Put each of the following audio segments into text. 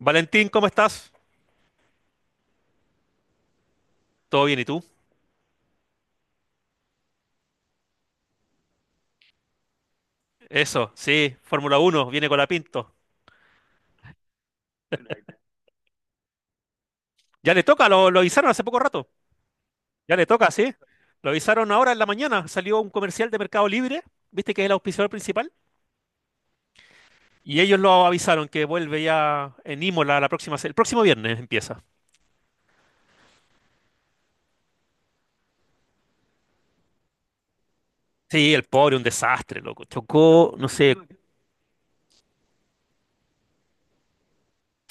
Valentín, ¿cómo estás? ¿Todo bien y tú? Eso, sí, Fórmula Uno, viene con la Pinto. Ya le toca, lo avisaron hace poco rato. Ya le toca, sí. Lo avisaron ahora en la mañana. Salió un comercial de Mercado Libre, viste que es el auspiciador principal. Y ellos lo avisaron que vuelve ya en Imola la próxima, el próximo viernes empieza. Sí, el pobre, un desastre, loco. Chocó, no sé,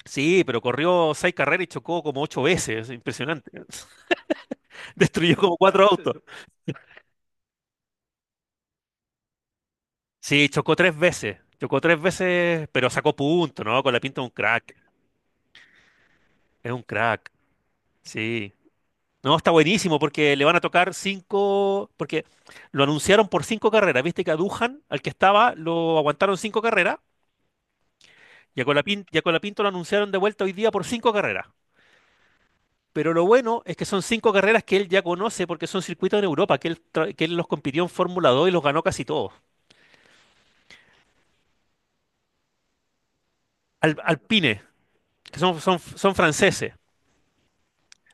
sí, pero corrió 6 carreras y chocó como 8 veces. Impresionante. Destruyó como 4 autos. Sí, chocó tres veces. Chocó tres veces, pero sacó punto, ¿no? Con la pinta de un crack. Es un crack. Sí. No, está buenísimo porque le van a tocar cinco. Porque lo anunciaron por cinco carreras. Viste que a Duhan, al que estaba, lo aguantaron cinco carreras. Y a Colapinto lo anunciaron de vuelta hoy día por cinco carreras. Pero lo bueno es que son cinco carreras que él ya conoce porque son circuitos en Europa, que él los compitió en Fórmula 2 y los ganó casi todos. Alpine, que son franceses.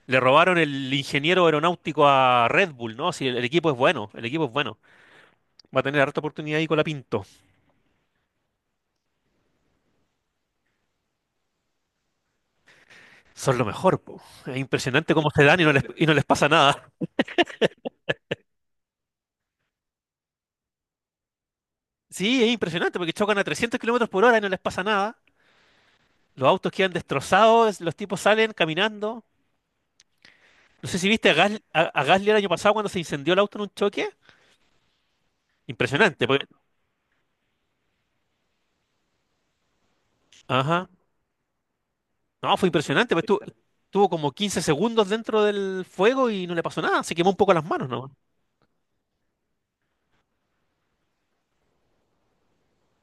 Le robaron el ingeniero aeronáutico a Red Bull, ¿no? Si el equipo es bueno, el equipo es bueno. Va a tener harta oportunidad ahí con la Pinto. Son lo mejor, po. Es impresionante cómo se dan y y no les pasa nada. Sí, es impresionante porque chocan a 300 kilómetros por hora y no les pasa nada. Los autos quedan destrozados, los tipos salen caminando. No sé si viste a Gasly el año pasado cuando se incendió el auto en un choque. Impresionante, Ajá. No, fue impresionante, pues tuvo como 15 segundos dentro del fuego y no le pasó nada. Se quemó un poco las manos, ¿no?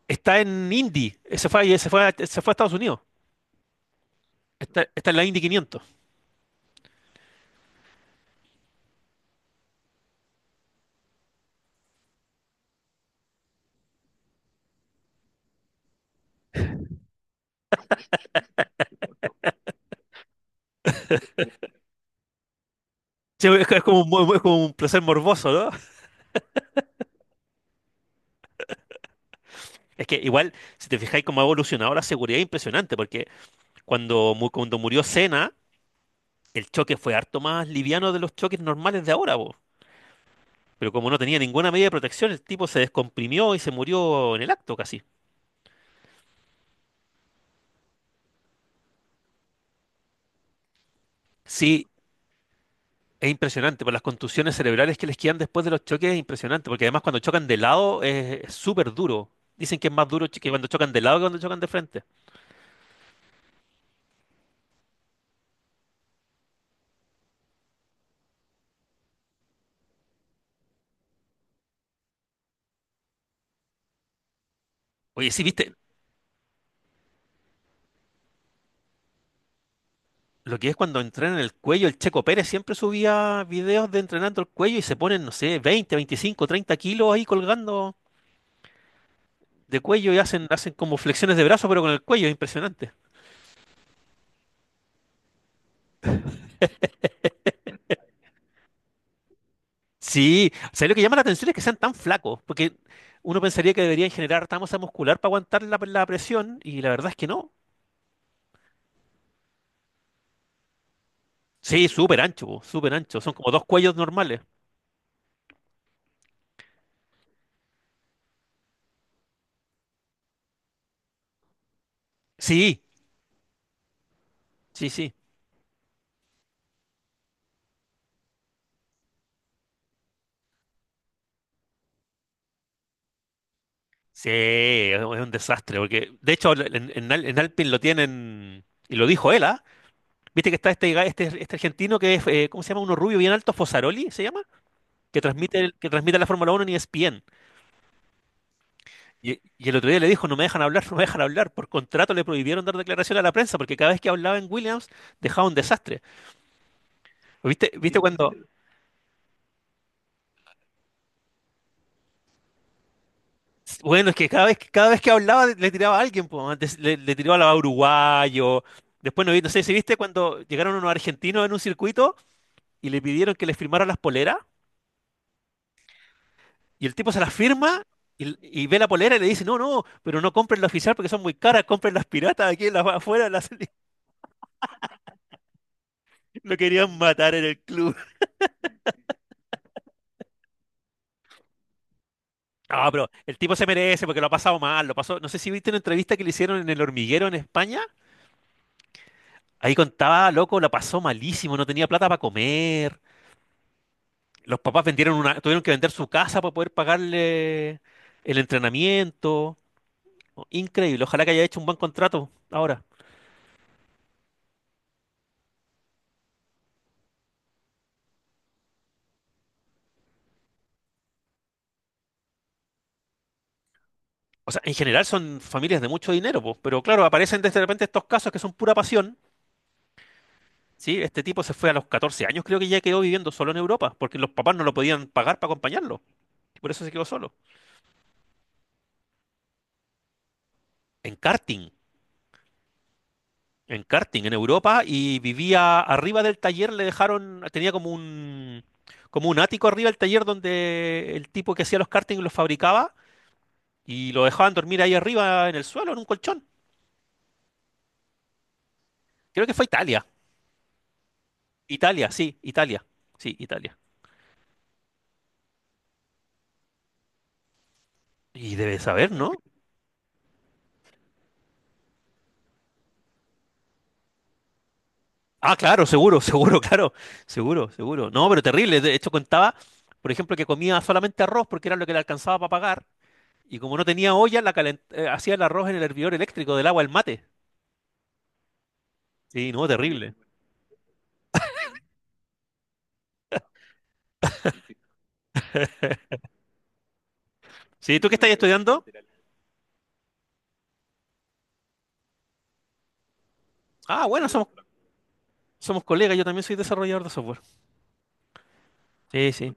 Está en Indy. Se fue a Estados Unidos. Está en la Indy 500. Sí, es, es como un placer morboso, ¿no? Es que igual, si te fijáis cómo ha evolucionado la seguridad, es impresionante, porque cuando murió Senna, el choque fue harto más liviano de los choques normales de ahora, po. Pero como no tenía ninguna medida de protección, el tipo se descomprimió y se murió en el acto casi. Sí, es impresionante, por las contusiones cerebrales que les quedan después de los choques es impresionante, porque además cuando chocan de lado es súper duro. Dicen que es más duro que cuando chocan de lado que cuando chocan de frente. Oye, sí, viste, lo que es cuando entrenan el cuello, el Checo Pérez siempre subía videos de entrenando el cuello y se ponen, no sé, 20, 25, 30 kilos ahí colgando de cuello y hacen como flexiones de brazo, pero con el cuello, es impresionante. Sí, o sea, lo que llama la atención es que sean tan flacos, porque uno pensaría que deberían generar tanta masa muscular para aguantar la presión y la verdad es que no. Sí, súper ancho, po, súper ancho. Son como dos cuellos normales. Sí, sí, sí. Sí, es un desastre, porque de hecho en Alpine lo tienen, y lo dijo él, ¿ah? Viste que está este argentino que es, ¿cómo se llama? Uno rubio bien alto, Fosaroli se llama, que transmite la Fórmula uno en ESPN. Y el otro día le dijo, no me dejan hablar, no me dejan hablar. Por contrato le prohibieron dar declaración a la prensa, porque cada vez que hablaba en Williams dejaba un desastre. ¿Viste, viste cuando, Bueno, es que cada vez que hablaba le tiraba a alguien, pues, antes le tiraba a uruguayo. Después no vi, no sé si viste cuando llegaron unos argentinos en un circuito y le pidieron que les firmaran las poleras y el tipo se las firma y, y ve la polera y le dice, no, no, pero no compren la oficial porque son muy caras, compren las piratas aquí en afuera. Las, lo querían matar en el club. No, pero el tipo se merece porque lo ha pasado mal, lo pasó. No sé si viste una entrevista que le hicieron en El Hormiguero en España. Ahí contaba, loco, la pasó malísimo, no tenía plata para comer. Los papás vendieron una, tuvieron que vender su casa para poder pagarle el entrenamiento. ¿No? Increíble. Ojalá que haya hecho un buen contrato ahora. O sea, en general son familias de mucho dinero, po, pero claro, aparecen de repente estos casos que son pura pasión. Sí, este tipo se fue a los 14 años, creo que ya quedó viviendo solo en Europa, porque los papás no lo podían pagar para acompañarlo. Y por eso se quedó solo. En karting. En karting en Europa y vivía arriba del taller, le dejaron, tenía como un ático arriba del taller donde el tipo que hacía los karting los fabricaba y lo dejaban dormir ahí arriba en el suelo, en un colchón. Creo que fue Italia. Italia, sí, Italia. Sí, Italia. Y debe saber, ¿no? Ah, claro, seguro, seguro, claro, seguro, seguro. No, pero terrible. De hecho, contaba, por ejemplo, que comía solamente arroz porque era lo que le alcanzaba para pagar. Y como no tenía olla, hacía el arroz en el hervidor eléctrico del agua, el mate. Sí, no, terrible. Sí, ¿tú qué estás estudiando? Ah, somos colegas, yo también soy desarrollador de software. Sí, sí.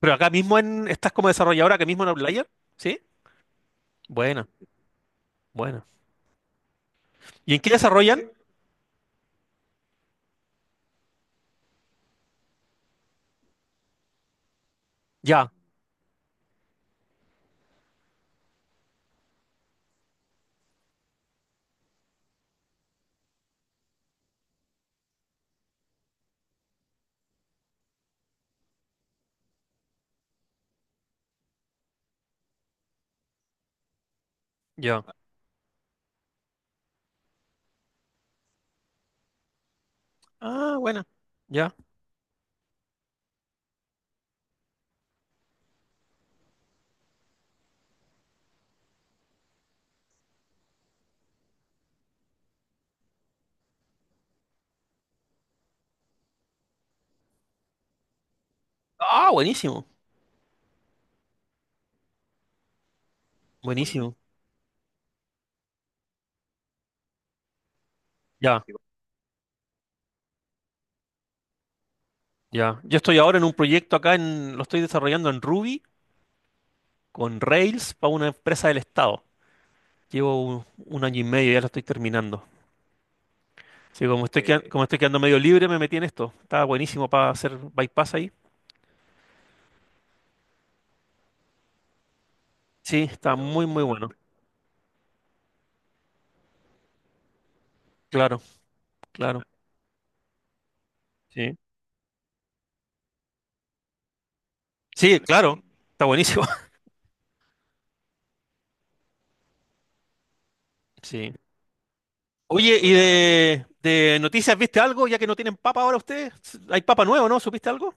Pero acá mismo en, estás como desarrolladora acá mismo en Outlier, ¿sí? Buena, buena. ¿Y en qué desarrollan? Sí, ya, ya. Ah, buena. Ya. Ah, buenísimo, buenísimo. Ya, ya. Yo estoy ahora en un proyecto acá en, lo estoy desarrollando en Ruby con Rails para una empresa del Estado. Llevo un año y medio, ya lo estoy terminando. Sí, como estoy, como estoy quedando medio libre, me metí en esto. Está buenísimo para hacer bypass ahí. Sí, está muy bueno. Claro, claro. Sí, sí, claro. Está buenísimo. Sí. Oye, ¿y de noticias viste algo? Ya que no tienen papa ahora ustedes. Hay papa nuevo, ¿no? ¿Supiste algo?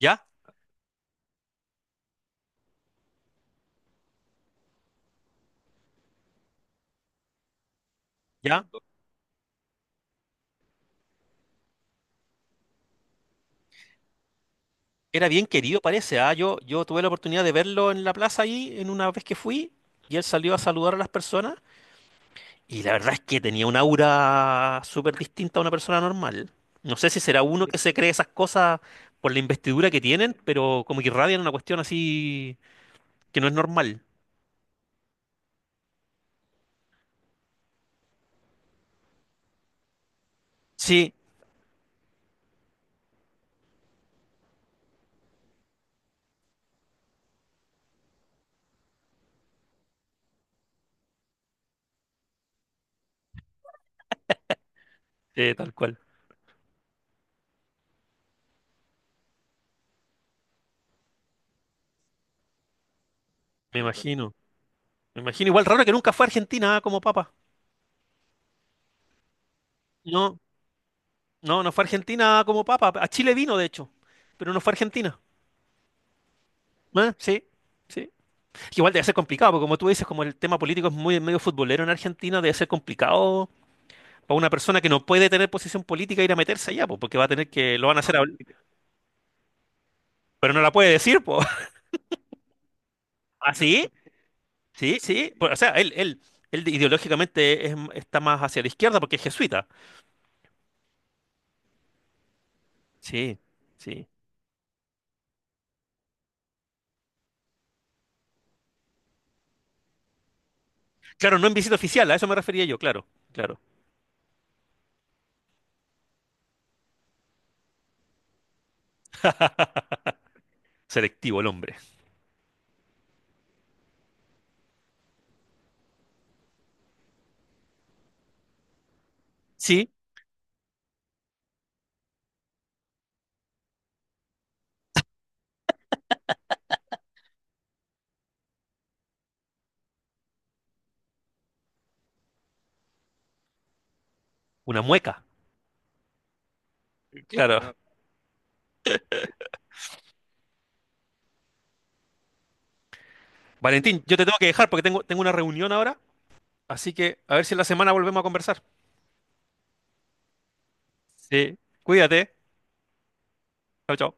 Ya, ya. Era bien querido, parece. Ah, yo tuve la oportunidad de verlo en la plaza ahí, en una vez que fui, y él salió a saludar a las personas. Y la verdad es que tenía un aura súper distinta a una persona normal. No sé si será uno que se cree esas cosas por la investidura que tienen, pero como que irradian una cuestión así que no es normal. Sí, tal cual. Me imagino. Me imagino. Igual raro que nunca fue a Argentina como papa. No, no, no fue a Argentina como papa. A Chile vino, de hecho, pero no fue a Argentina. Ah, sí, sí. Igual debe ser complicado, porque como tú dices, como el tema político es muy medio futbolero en Argentina, debe ser complicado para una persona que no puede tener posición política ir a meterse allá, pues, porque va a tener que, lo van a hacer, pero no la puede decir, pues. ¿Ah, sí? Sí, sí. Pues, o sea, él ideológicamente está más hacia la izquierda porque es jesuita. Sí, sí. Claro, no en visita oficial, a eso me refería yo, claro, claro. Selectivo el hombre. Sí, una mueca, claro. Claro. Valentín, yo te tengo que dejar porque tengo una reunión ahora, así que a ver si en la semana volvemos a conversar. Sí, cuídate. Chao, chao.